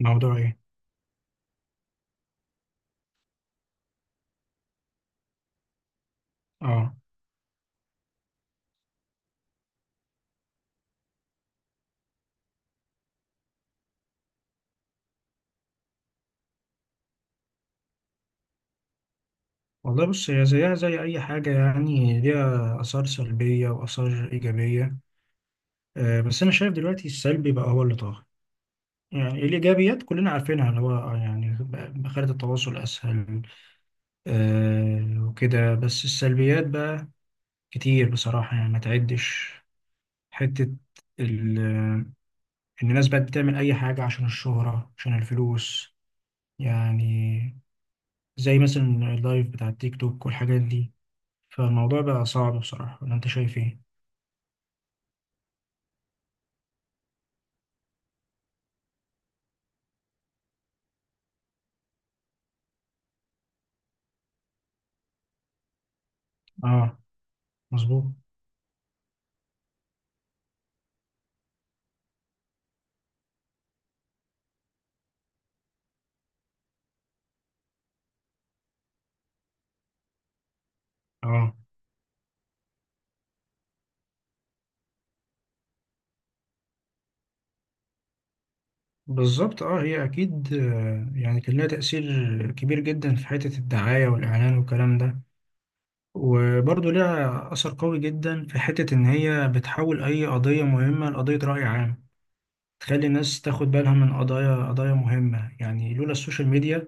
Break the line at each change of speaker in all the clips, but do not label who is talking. موضوع ايه؟ اه. والله بص، هي زيها زي اي حاجه، يعني ليها اثار سلبيه واثار ايجابيه. بس انا شايف دلوقتي السلبي بقى هو اللي طاغي. يعني الايجابيات كلنا عارفينها، اللي هو خلت التواصل اسهل. وكده، بس السلبيات بقى كتير بصراحه، يعني ما تعدش حته، ال- ان الناس بقت بتعمل اي حاجه عشان الشهره، عشان الفلوس. يعني زي مثلا اللايف بتاع التيك توك والحاجات دي. فالموضوع بقى صعب بصراحة، ولا انت شايف ايه؟ اه، مظبوط، اه، بالظبط اه. هي اكيد، يعني كان لها تأثير كبير جدا في حتة الدعاية والاعلان والكلام ده. وبرضه ليها اثر قوي جدا في حتة ان هي بتحول اي قضية مهمة لقضية رأي عام. تخلي الناس تاخد بالها من قضايا مهمة، يعني لولا السوشيال ميديا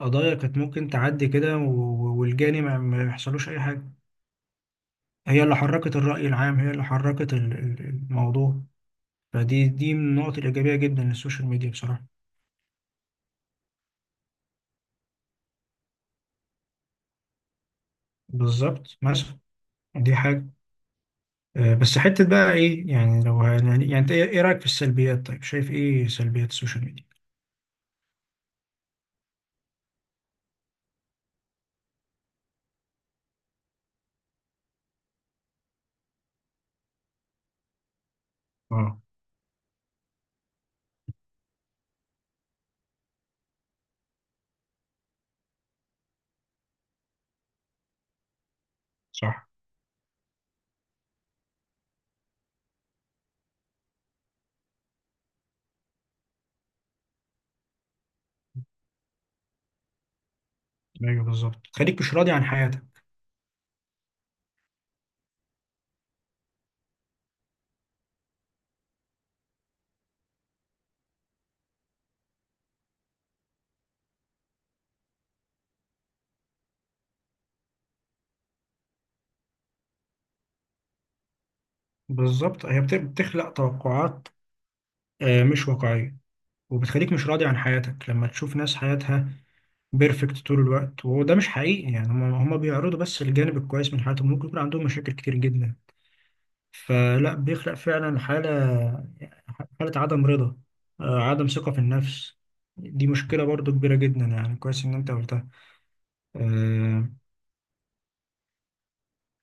قضايا كانت ممكن تعدي كده والجاني ما يحصلوش اي حاجة. هي اللي حركت الرأي العام، هي اللي حركت الموضوع. فدي من النقط الإيجابية جدا للسوشيال ميديا بصراحة. بالظبط، مثلا دي حاجة. بس حتة بقى إيه، يعني لو يعني أنت إيه رأيك في السلبيات؟ طيب شايف إيه سلبيات السوشيال ميديا؟ اه، صح، ايوه بالظبط، تخليك مش راضي عن حياتك. بالظبط، هي بتخلق توقعات مش واقعية، وبتخليك مش راضي عن حياتك لما تشوف ناس حياتها بيرفكت طول الوقت، وده مش حقيقي، يعني هم بيعرضوا بس الجانب الكويس من حياتهم، ممكن يكون عندهم مشاكل كتير جدا. فلا بيخلق فعلا حالة عدم رضا، عدم ثقة في النفس. دي مشكلة برضو كبيرة جدا، يعني كويس إن أنت قلتها. آه،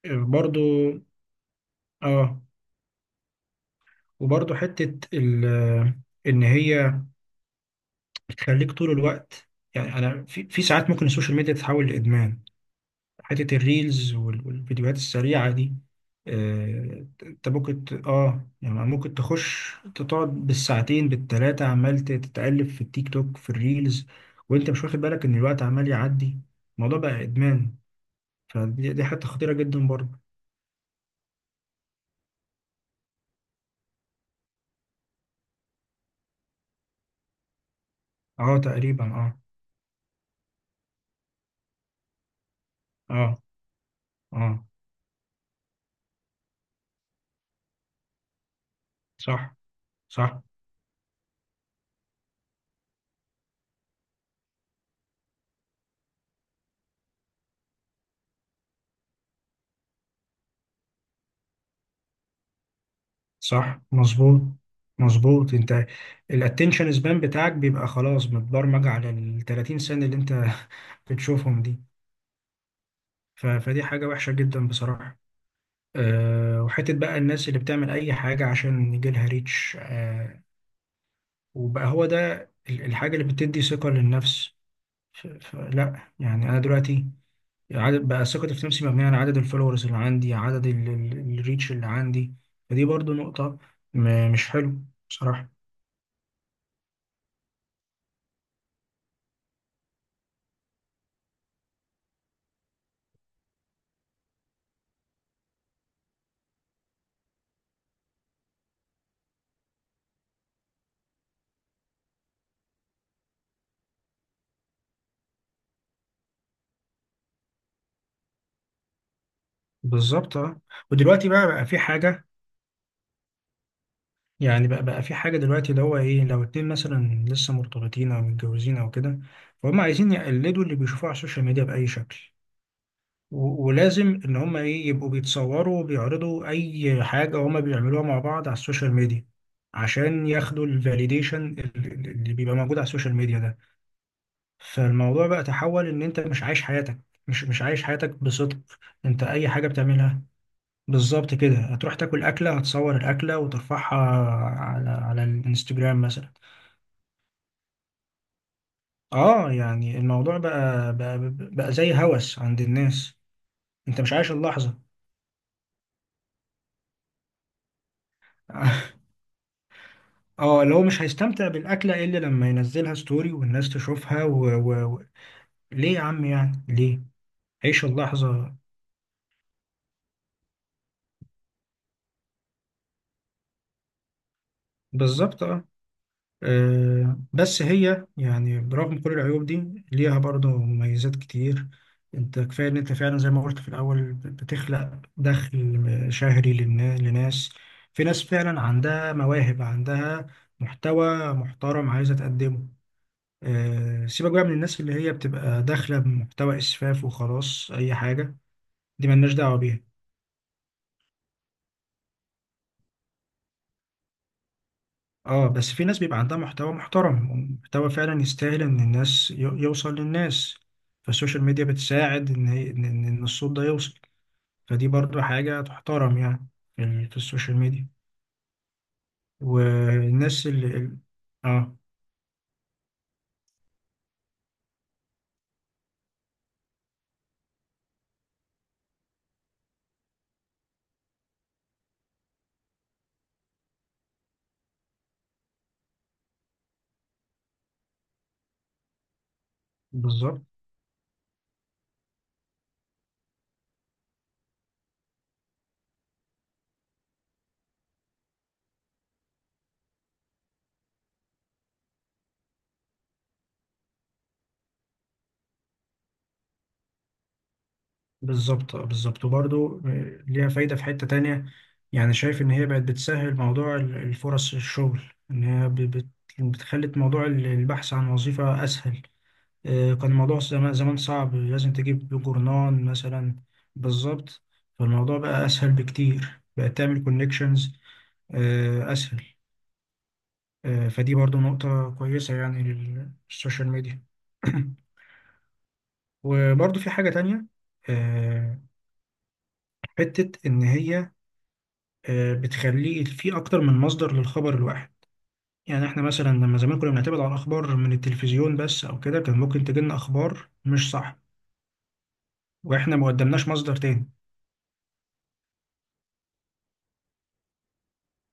برضو، آه وبرضو حتة إن هي بتخليك طول الوقت. يعني أنا في ساعات ممكن السوشيال ميديا تتحول لإدمان، حتة الريلز والفيديوهات السريعة دي. انت ممكن يعني ممكن تخش تقعد بالساعتين بالتلاتة، عمال تتقلب في التيك توك في الريلز، وانت مش واخد بالك ان الوقت عمال يعدي، الموضوع بقى ادمان. فدي حتة خطيرة جدا برضه. اه، تقريبا اه. اه، اه، صح، صح، صح، مظبوط، مظبوط انت. الاتنشن سبان بتاعك بيبقى خلاص متبرمج على ال 30 سنة اللي انت بتشوفهم دي. فدي حاجة وحشة جدا بصراحة. وحتة بقى الناس اللي بتعمل أي حاجة عشان يجيلها ريتش، وبقى هو ده الحاجة اللي بتدي ثقة للنفس. فلا يعني أنا دلوقتي عدد بقى ثقتي في نفسي مبنية على عدد الفولورز اللي عندي، عدد الريتش اللي عندي. فدي برضو نقطة مش حلو بصراحة. بالظبط اه. ودلوقتي بقى في حاجة، يعني بقى في حاجة دلوقتي، اللي هو إيه، لو اتنين مثلا لسه مرتبطين أو متجوزين أو كده، فهم عايزين يقلدوا اللي بيشوفوه على السوشيال ميديا بأي شكل. ولازم إن هم إيه يبقوا بيتصوروا وبيعرضوا أي حاجة هما بيعملوها مع بعض على السوشيال ميديا، عشان ياخدوا الفاليديشن اللي بيبقى موجود على السوشيال ميديا ده. فالموضوع بقى تحول إن أنت مش عايش حياتك، مش عايش حياتك بصدق. أنت أي حاجة بتعملها بالظبط كده، هتروح تاكل أكلة، هتصور الأكلة وترفعها على الانستجرام مثلا. اه، يعني الموضوع بقى زي هوس عند الناس. انت مش عايش اللحظة. اه، اللي هو مش هيستمتع بالأكلة إلا لما ينزلها ستوري والناس تشوفها ليه يا عم، يعني ليه؟ عيش اللحظة، بالظبط اه. بس هي يعني برغم كل العيوب دي ليها برضه مميزات كتير. انت كفاية ان انت فعلا زي ما قلت في الاول بتخلق دخل شهري لناس. في ناس فعلا عندها مواهب، عندها محتوى محترم عايزة تقدمه. سيبك بقى من الناس اللي هي بتبقى داخلة بمحتوى اسفاف وخلاص اي حاجة، دي ملناش دعوة بيها. اه، بس في ناس بيبقى عندها محتوى محترم ومحتوى فعلا يستاهل ان الناس يوصل للناس. فالسوشيال ميديا بتساعد ان هي- ان إن- إن الصوت ده يوصل. فدي برضو حاجة تحترم يعني، في السوشيال ميديا، والناس اللي اه، بالظبط، بالظبط، بالظبط، وبرضو ليها فايدة في حتة تانية. يعني شايف ان هي بقت بتسهل موضوع الفرص الشغل، ان هي بتخلي موضوع البحث عن وظيفة اسهل. كان الموضوع زمان زمان صعب، لازم تجيب جورنان مثلا. بالظبط، فالموضوع بقى أسهل بكتير، بقى تعمل كونكشنز أسهل. فدي برضو نقطة كويسة يعني للسوشيال ميديا. وبرضو في حاجة تانية، آه، حتة إن هي بتخلي في أكتر من مصدر للخبر الواحد. يعني إحنا مثلا لما زمان كنا بنعتمد على الأخبار من التلفزيون بس أو كده، كان ممكن تجيلنا أخبار مش صح وإحنا ما قدمناش مصدر تاني.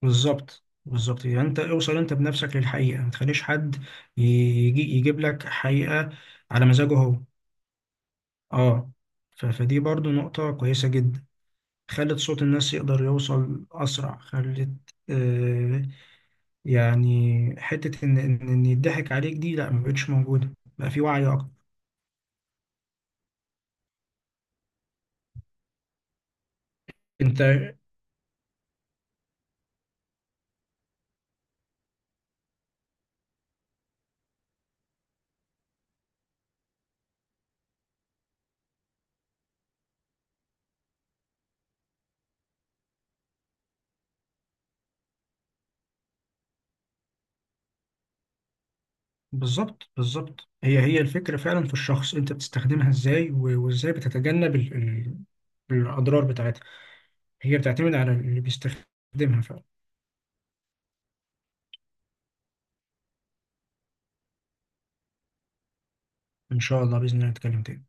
بالظبط، بالظبط، يعني انت اوصل انت بنفسك للحقيقة، ما تخليش حد يجي يجيب لك حقيقة على مزاجه هو. اه، فدي برضو نقطة كويسة جدا، خلت صوت الناس يقدر يوصل أسرع، خلت. آه يعني حتة إن يضحك عليك دي لا، ما بقتش موجودة، بقى في وعي أكتر. أنت بالظبط، بالظبط، هي الفكرة فعلا في الشخص أنت بتستخدمها إزاي، وإزاي بتتجنب الأضرار بتاعتها. هي بتعتمد على اللي بيستخدمها فعلا. ان شاء الله، باذن الله نتكلم تاني.